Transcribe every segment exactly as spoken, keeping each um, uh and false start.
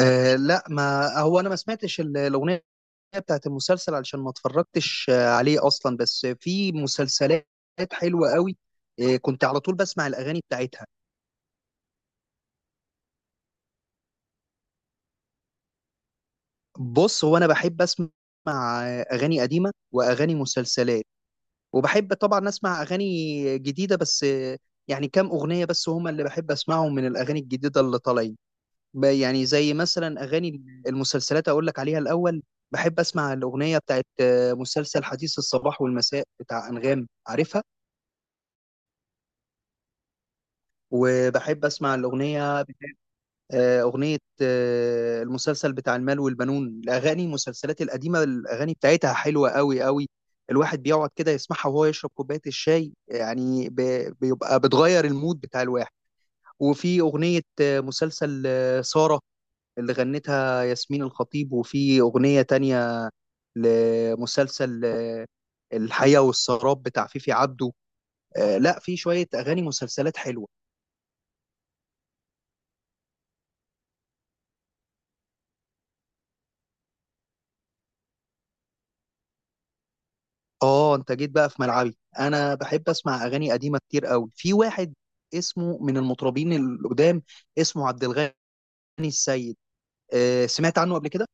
آه لا ما هو انا ما سمعتش ال- الاغنيه بتاعت المسلسل علشان ما اتفرجتش آه، عليه اصلا. بس في مسلسلات حلوه قوي، آه، كنت على طول بسمع الاغاني بتاعتها. بص هو انا بحب اسمع آه، اغاني قديمه واغاني مسلسلات، وبحب طبعا اسمع اغاني جديده بس، آه، يعني كام اغنيه بس هما اللي بحب اسمعهم من الاغاني الجديده اللي طالعين. ب- يعني زي مثلا اغاني المسلسلات اقول لك عليها الاول. بحب اسمع الاغنيه بتاعت آه، مسلسل حديث الصباح والمساء بتاع انغام، عارفها؟ وبحب اسمع الاغنيه، آه، اغنيه آه، المسلسل بتاع المال والبنون. الاغاني المسلسلات القديمه الاغاني بتاعتها حلوه قوي قوي، الواحد بيقعد كده يسمعها وهو يشرب كوبايه الشاي يعني، ب- بيبقى بتغير المود بتاع الواحد. وفي اغنيه آه، مسلسل آه، ساره اللي غنتها ياسمين الخطيب، وفي اغنيه تانية لمسلسل آه، الحياة والسراب بتاع فيفي عبده. آه لا، في شوية أغاني مسلسلات حلوة. اه انت جيت بقى في ملعبي، انا بحب اسمع اغاني قديمة كتير قوي. في واحد اسمه من المطربين القدام، اسمه عبد الغني السيد، آه سمعت عنه قبل كده؟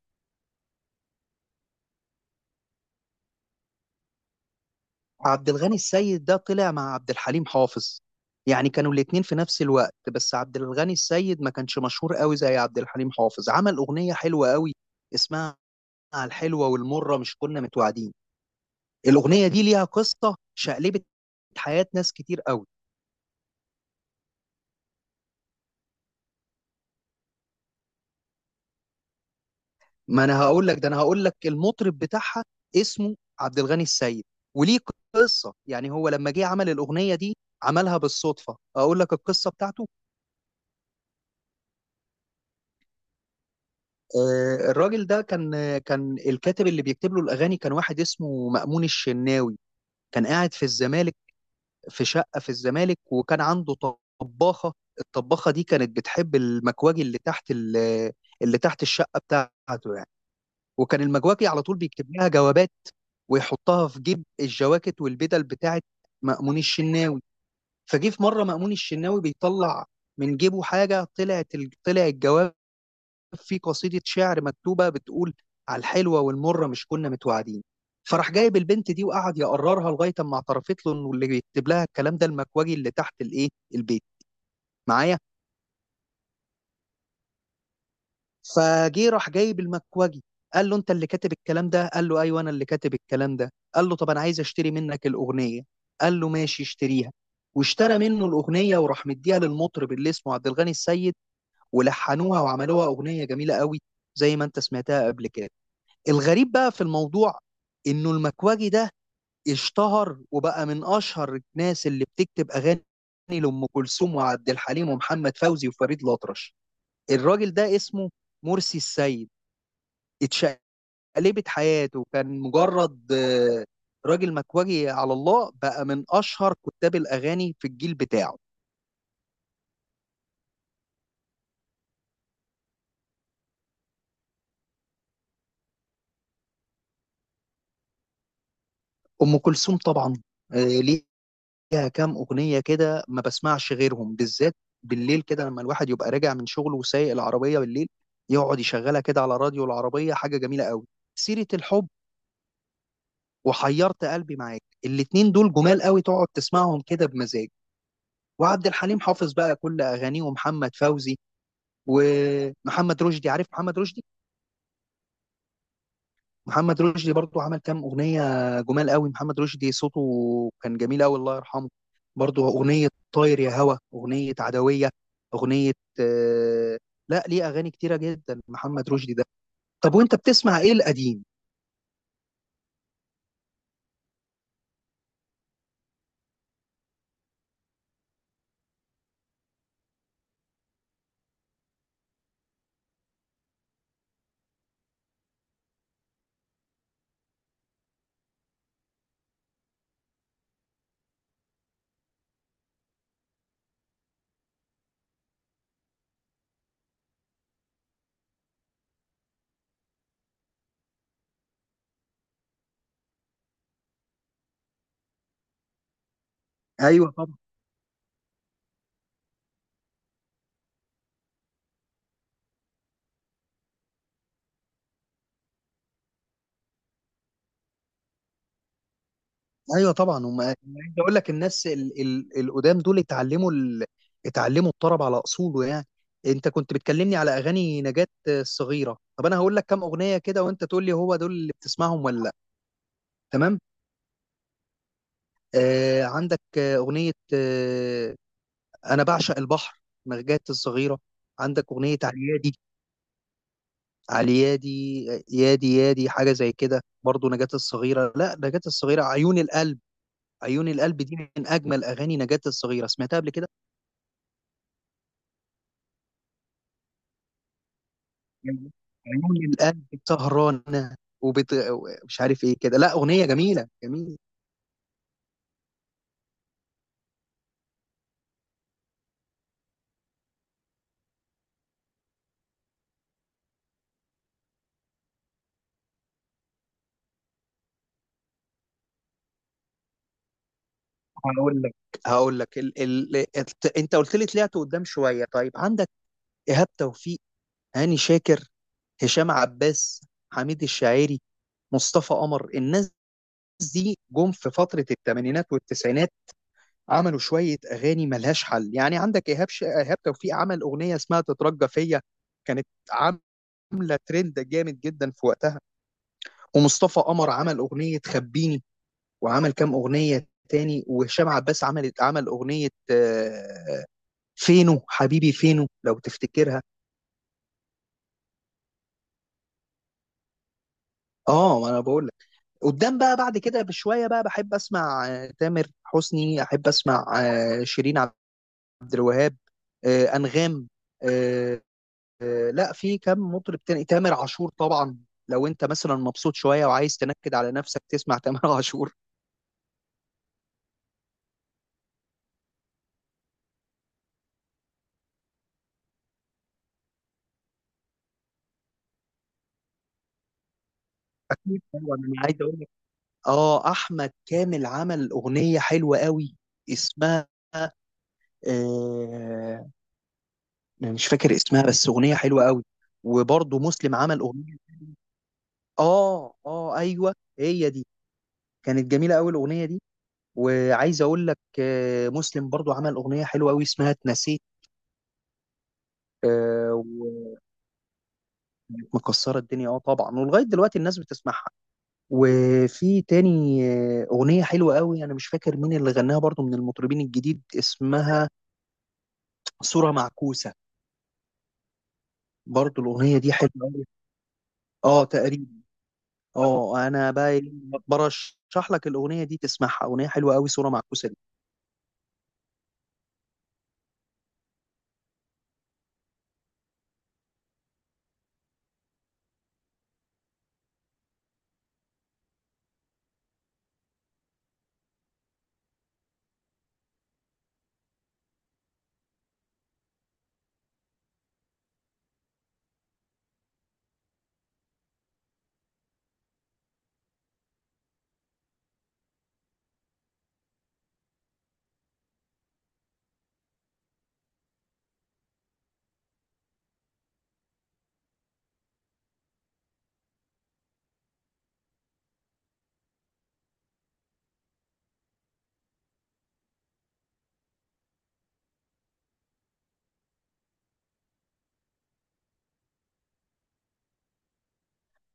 عبد الغني السيد ده طلع مع عبد الحليم حافظ، يعني كانوا الاتنين في نفس الوقت، بس عبد الغني السيد ما كانش مشهور قوي زي عبد الحليم حافظ. عمل أغنية حلوة قوي اسمها على الحلوة والمرة مش كنا متوعدين. الاغنيه دي ليها قصه شقلبت حياه ناس كتير قوي. ما انا هقول لك، ده انا هقول لك المطرب بتاعها اسمه عبد الغني السيد، وليه قصه. يعني هو لما جه عمل الاغنيه دي عملها بالصدفه. اقول لك القصه بتاعته. آه، الراجل ده كان، آه، كان الكاتب اللي بيكتب له الاغاني كان واحد اسمه مأمون الشناوي، كان قاعد في الزمالك في شقه في الزمالك، وكان عنده طباخه. الطباخه دي كانت بتحب المكواجي اللي تحت ال- اللي تحت الشقه بتاعته يعني. وكان المجواكي على طول بيكتب لها جوابات ويحطها في جيب الجواكت والبدل بتاعت مأمون الشناوي. فجه في مرة مأمون الشناوي بيطلع من جيبه حاجة، طلعت ال- طلع الجواب فيه قصيدة شعر مكتوبة بتقول على الحلوة والمرة مش كنا متوعدين. فراح جايب البنت دي وقعد يقررها لغاية اما اعترفت له انه اللي بيكتب لها الكلام ده المكواجي اللي تحت الايه، البيت. معايا؟ فجه راح جايب المكوجي قال له انت اللي كاتب الكلام ده؟ قال له ايوه انا اللي كاتب الكلام ده. قال له طب انا عايز اشتري منك الاغنيه. قال له ماشي اشتريها. واشترى منه الاغنيه وراح مديها للمطرب اللي اسمه عبد الغني السيد ولحنوها وعملوها اغنيه جميله قوي زي ما انت سمعتها قبل كده. الغريب بقى في الموضوع انه المكواجي ده اشتهر وبقى من اشهر الناس اللي بتكتب اغاني لام كلثوم وعبد الحليم ومحمد فوزي وفريد الأطرش. الراجل ده اسمه مرسي السيد، اتشقلبت حياته. كان مجرد آه، راجل مكواجي على الله بقى من اشهر كتاب الاغاني في الجيل بتاعه. ام كلثوم طبعا، آه، ليها كام اغنيه كده ما بسمعش غيرهم، بالذات بالليل كده لما الواحد يبقى راجع من شغله وسايق العربيه بالليل، يقعد يشغلها كده على راديو العربيه، حاجه جميله قوي. سيره الحب وحيرت قلبي معاك، الاتنين دول جمال قوي تقعد تسمعهم كده بمزاج. وعبد الحليم حافظ بقى كل اغانيه، ومحمد فوزي ومحمد رشدي، عارف محمد رشدي؟ محمد رشدي برضو عمل كام اغنيه جمال قوي. محمد رشدي صوته كان جميل قوي، الله يرحمه. برضو اغنيه طاير يا هوا، اغنيه عدويه، اغنيه آه، لا ليه اغاني كتيره جدا محمد رشدي ده. طب وانت بتسمع ايه القديم؟ ايوه طبعا. ايوه طبعا. هم، أنا عايز اقول لك الناس ال- ال- القدام دول اتعلموا ال... اتعلموا الطرب على اصوله يعني. انت كنت بتكلمني على اغاني نجاة الصغيره، طب انا هقول لك كام اغنيه كده وانت تقول لي هو دول اللي بتسمعهم ولا لا، تمام؟ آه عندك آه، اغنيه آه انا بعشق البحر، نجاة الصغيره. عندك اغنيه عليادي عليادي، آه، يادي يادي حاجه زي كده. برضو نجاة الصغيره، لا نجاة الصغيره عيون القلب. عيون القلب دي من اجمل اغاني نجاة الصغيره، سمعتها قبل كده؟ عيون القلب سهرانة وبت... مش عارف ايه كده، لا أغنية جميلة جميلة. هقول لك، هقول لك ال... ال... الت- انت قلت لي طلعت قدام شوية. طيب عندك إيهاب توفيق، هاني شاكر، هشام عباس، حميد الشاعري، مصطفى قمر. الناس دي جم في فترة الثمانينات والتسعينات عملوا شوية أغاني ملهاش حل يعني. عندك إيهاب ش... إيهاب توفيق عمل أغنية اسمها تترجى فيا، كانت عاملة ترند جامد جدا في وقتها. ومصطفى قمر عمل اغنيه خبيني، وعمل كام اغنيه تاني. وهشام عباس عمل عمل اغنيه آه، فينو حبيبي فينو، لو تفتكرها. اه ما انا بقول لك. قدام بقى بعد كده بشويه بقى بحب اسمع آه، تامر حسني، احب اسمع آه، شيرين عبد الوهاب، آه، انغام، آه، آه، لا في كم مطرب تاني، تامر عاشور طبعا. لو انت مثلا مبسوط شويه وعايز تنكد على نفسك تسمع تامر عاشور. اكيد طبعا، انا عايز اقول لك، اه احمد كامل عمل اغنيه حلوه قوي اسمها آه مش فاكر اسمها بس اغنيه حلوه قوي. وبرضه مسلم عمل اغنيه، اه اه ايوه هي دي، كانت جميله قوي الاغنيه دي. وعايز اقول لك آه مسلم برضه عمل اغنيه حلوه قوي اسمها اتنسيت. آه وكانت مكسره الدنيا، اه طبعا، ولغايه دلوقتي الناس بتسمعها. وفي تاني آه، اغنيه حلوه قوي انا مش فاكر مين اللي غناها برضه من المطربين الجديد، اسمها صوره معكوسه. برضو الأغنية دي حلوة أوي. اه تقريبا. اه انا بقى إيه، برشح لك الأغنية دي تسمعها، أغنية حلوة أوي صورة معكوسة دي.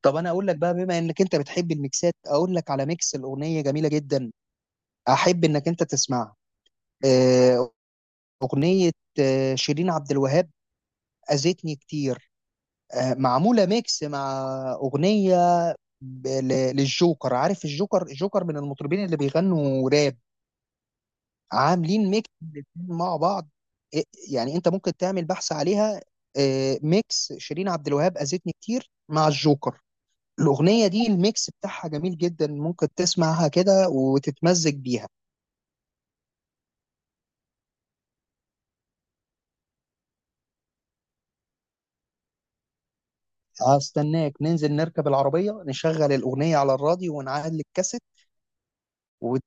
طب انا اقول لك بقى بما انك انت بتحب الميكسات، اقول لك على ميكس الأغنية جميلة جدا، احب انك انت تسمعها. آه، أغنية آه، شيرين عبد الوهاب أذتني كتير، آه، معمولة ميكس مع أغنية ب- ل- للجوكر. عارف الجوكر؟ الجوكر من المطربين اللي بيغنوا راب. عاملين ميكس الاتنين مع بعض. إيه- يعني انت ممكن تعمل بحث عليها، آه، ميكس شيرين عبد الوهاب اذتني كتير مع الجوكر. الاغنيه دي الميكس بتاعها جميل جدا، ممكن تسمعها كده وتتمزج بيها. هستناك ننزل نركب العربيه نشغل الاغنيه على الراديو ونعلي الكاسيت،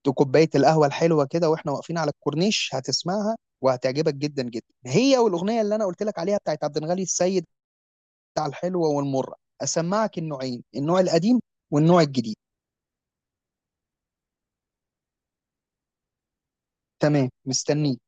وكوبايه القهوه الحلوه كده واحنا واقفين على الكورنيش، هتسمعها وهتعجبك جدا جدا، هي والاغنيه اللي انا قلت لك عليها بتاعت عبد الغني السيد على الحلوة والمرة. أسمعك النوعين، النوع القديم والنوع الجديد. تمام مستنيك.